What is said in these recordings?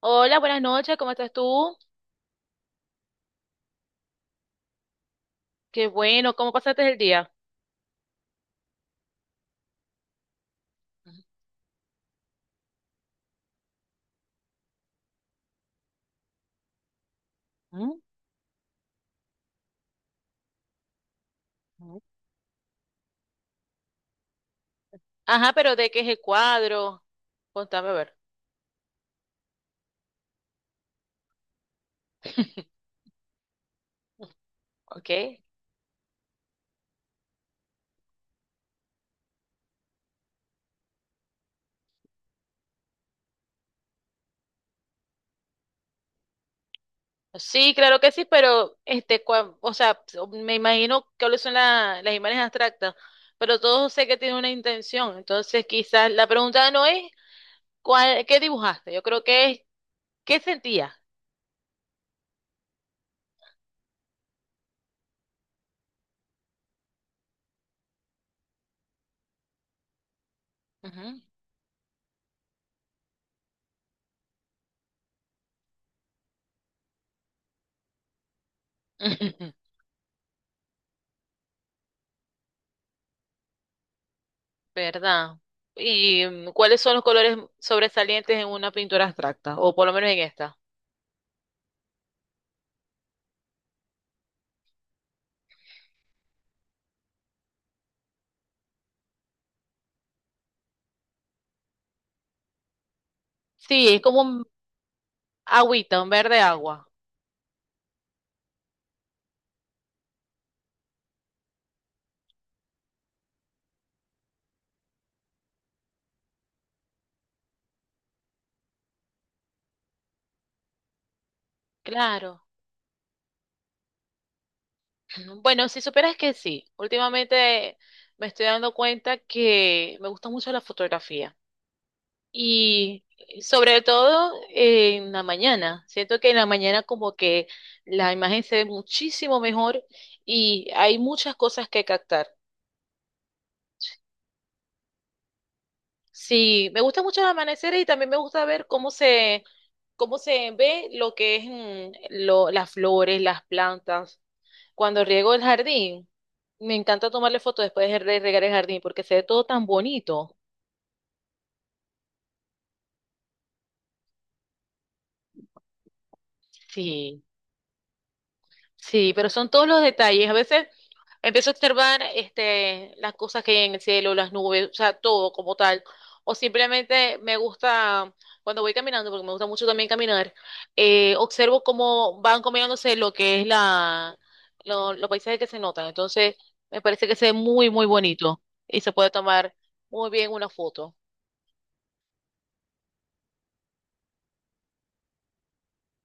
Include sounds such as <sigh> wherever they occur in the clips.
Hola, buenas noches, ¿cómo estás tú? Qué bueno, ¿cómo pasaste el día? Ujú, ujú. Ajá, pero ¿de qué es el cuadro? Contame a ver, ¿ok? Sí, claro que sí, pero este, me imagino que son las imágenes abstractas, pero todos sé que tiene una intención, entonces quizás la pregunta no es cuál, qué dibujaste, yo creo que es qué sentías. Ujú. <laughs> ¿Verdad? ¿Y cuáles son los colores sobresalientes en una pintura abstracta, o por lo menos en esta? Sí, es como un agüita, un verde agua. Claro. Bueno, si supieras que sí, últimamente me estoy dando cuenta que me gusta mucho la fotografía y sobre todo en la mañana. Siento que en la mañana como que la imagen se ve muchísimo mejor y hay muchas cosas que captar. Sí, me gusta mucho el amanecer y también me gusta ver cómo se ve lo que es las flores, las plantas. Cuando riego el jardín, me encanta tomarle fotos después de regar el jardín porque se ve todo tan bonito. Sí, sí, pero son todos los detalles. A veces empiezo a observar este, las cosas que hay en el cielo, las nubes, o sea, todo como tal. O simplemente me gusta, cuando voy caminando, porque me gusta mucho también caminar, observo cómo van combinándose lo que es los paisajes que se notan. Entonces, me parece que se ve muy bonito y se puede tomar muy bien una foto.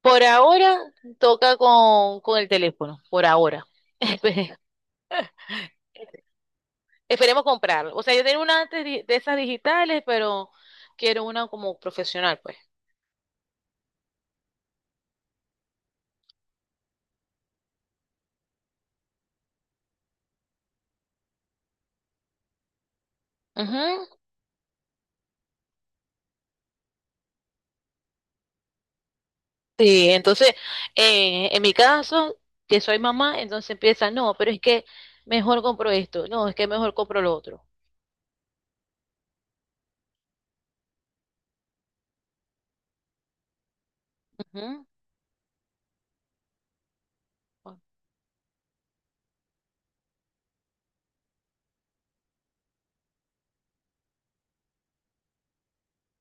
Por ahora toca con el teléfono, por ahora. <laughs> Espe- Esperemos comprarlo. O sea, yo tengo una antes de esas digitales, pero quiero una como profesional, pues. Ujú. Sí, entonces, en mi caso, que soy mamá, entonces empieza, no, pero es que mejor compro esto, no, es que mejor compro lo otro. Ujú.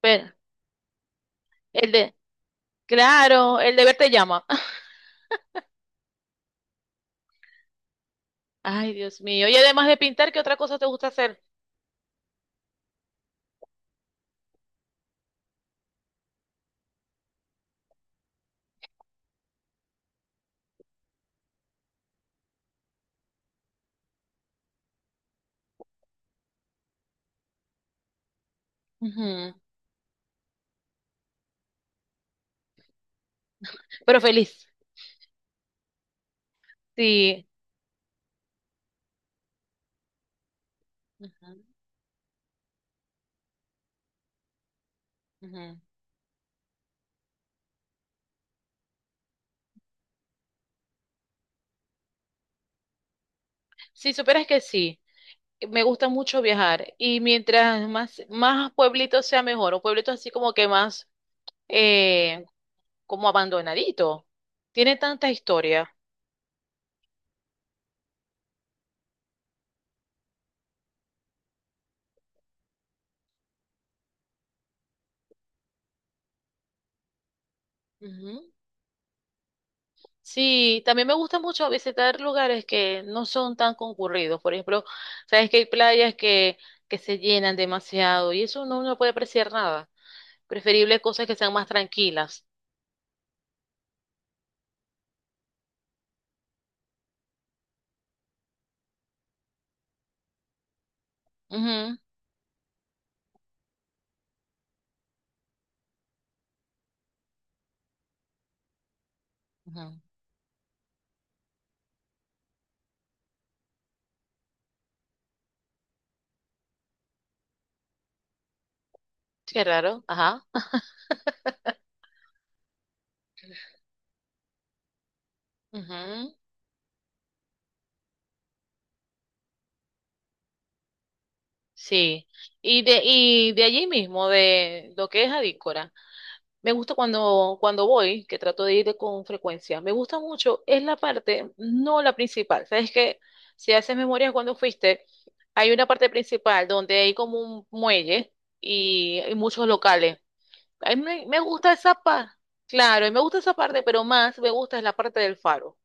Pero el de, claro, el deber te llama. <laughs> Ay, Dios mío. Y además de pintar, ¿qué otra cosa te gusta hacer? Ujú. Pero feliz. Sí. Ujú. Ujú. Si supieras que sí, me gusta mucho viajar y mientras más pueblitos sea mejor, o pueblitos así como que más eh, como abandonadito, tiene tanta historia. Ujú. Sí, también me gusta mucho visitar lugares que no son tan concurridos. Por ejemplo, sabes que hay playas que se llenan demasiado y eso no, no puede apreciar nada. Preferible cosas que sean más tranquilas. Ujú, ujú. Qué raro, ajá. Ujú. Sí, y de allí mismo, de lo que es Adícora, me gusta cuando voy, que trato de ir con frecuencia, me gusta mucho, es la parte, no la principal, sabes que si haces memoria cuando fuiste, hay una parte principal donde hay como un muelle y hay muchos locales. A mí me gusta esa parte, claro, y me gusta esa parte, pero más me gusta es la parte del faro.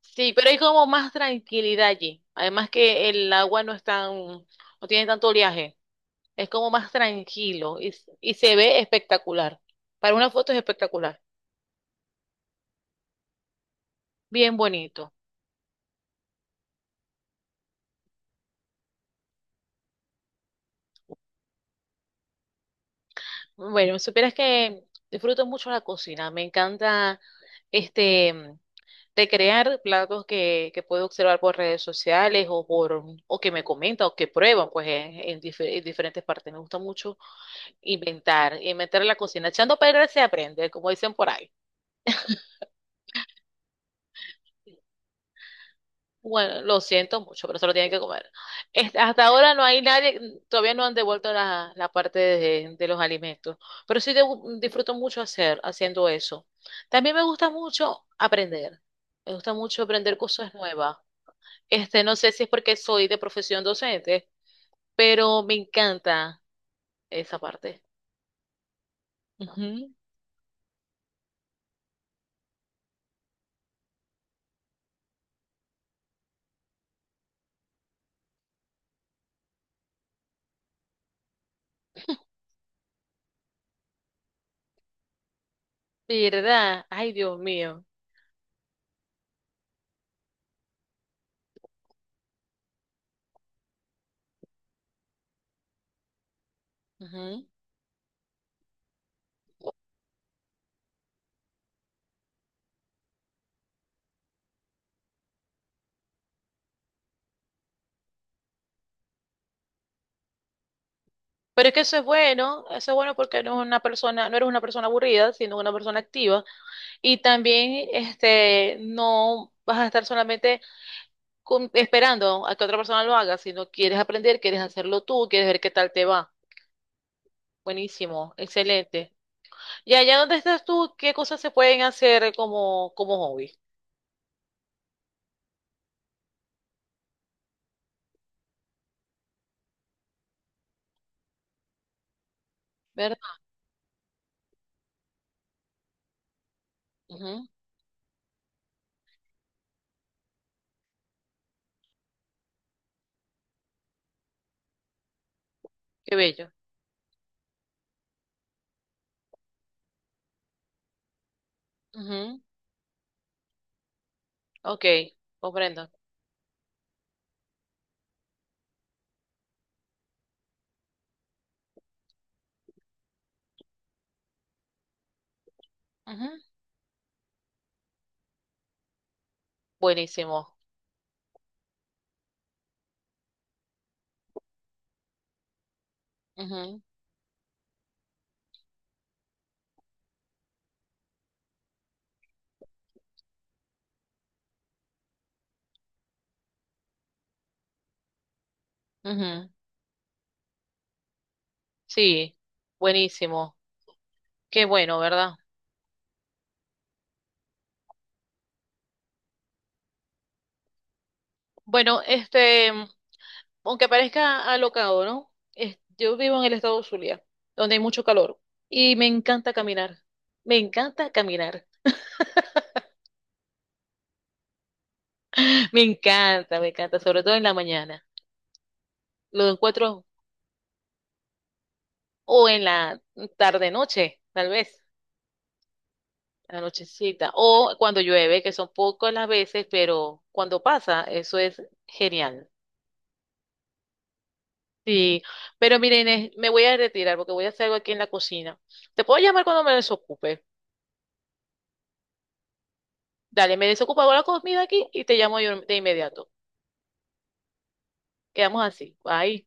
Sí, pero hay como más tranquilidad allí, además que el agua no es tan, no tiene tanto oleaje. Es como más tranquilo y se ve espectacular. Para una foto es espectacular. Bien bonito. Bueno, supieras que disfruto mucho la cocina. Me encanta este de crear platos que puedo observar por redes sociales o por o que me comentan o que prueban pues en diferentes partes. Me gusta mucho inventar la cocina. Echando a perder se aprende, como dicen por ahí. Bueno, lo siento mucho, pero se lo tienen que comer. Hasta ahora no hay nadie, todavía no han devuelto la parte de los alimentos, pero sí disfruto mucho hacer, haciendo eso. También me gusta mucho aprender, me gusta mucho aprender cosas nuevas. Este, no sé si es porque soy de profesión docente, pero me encanta esa parte. Ujú. ¿Verdad? Ay, Dios mío. Ujú. Pero es que eso es bueno porque no es una persona, no eres una persona aburrida, sino una persona activa. Y también este, no vas a estar solamente esperando a que otra persona lo haga, sino quieres aprender, quieres hacerlo tú, quieres ver qué tal te va. Buenísimo, excelente. Y allá donde estás tú, ¿qué cosas se pueden hacer como, como hobby? ¿Verdad? Ujú, qué bello. Ujú, ok, comprendo. Ujú, buenísimo. Ujú, ujú, sí, buenísimo. Qué bueno, ¿verdad? Bueno, este, aunque parezca alocado, ¿no? Yo vivo en el estado de Zulia, donde hay mucho calor y me encanta caminar. Me encanta caminar. <laughs> Me encanta, sobre todo en la mañana. Lo encuentro o en la tarde noche, tal vez, la nochecita, o cuando llueve, que son pocas las veces, pero cuando pasa, eso es genial. Sí, pero miren, Inés, me voy a retirar porque voy a hacer algo aquí en la cocina. Te puedo llamar cuando me desocupe. Dale, me desocupo, hago la comida aquí y te llamo yo de inmediato. Quedamos así. Bye.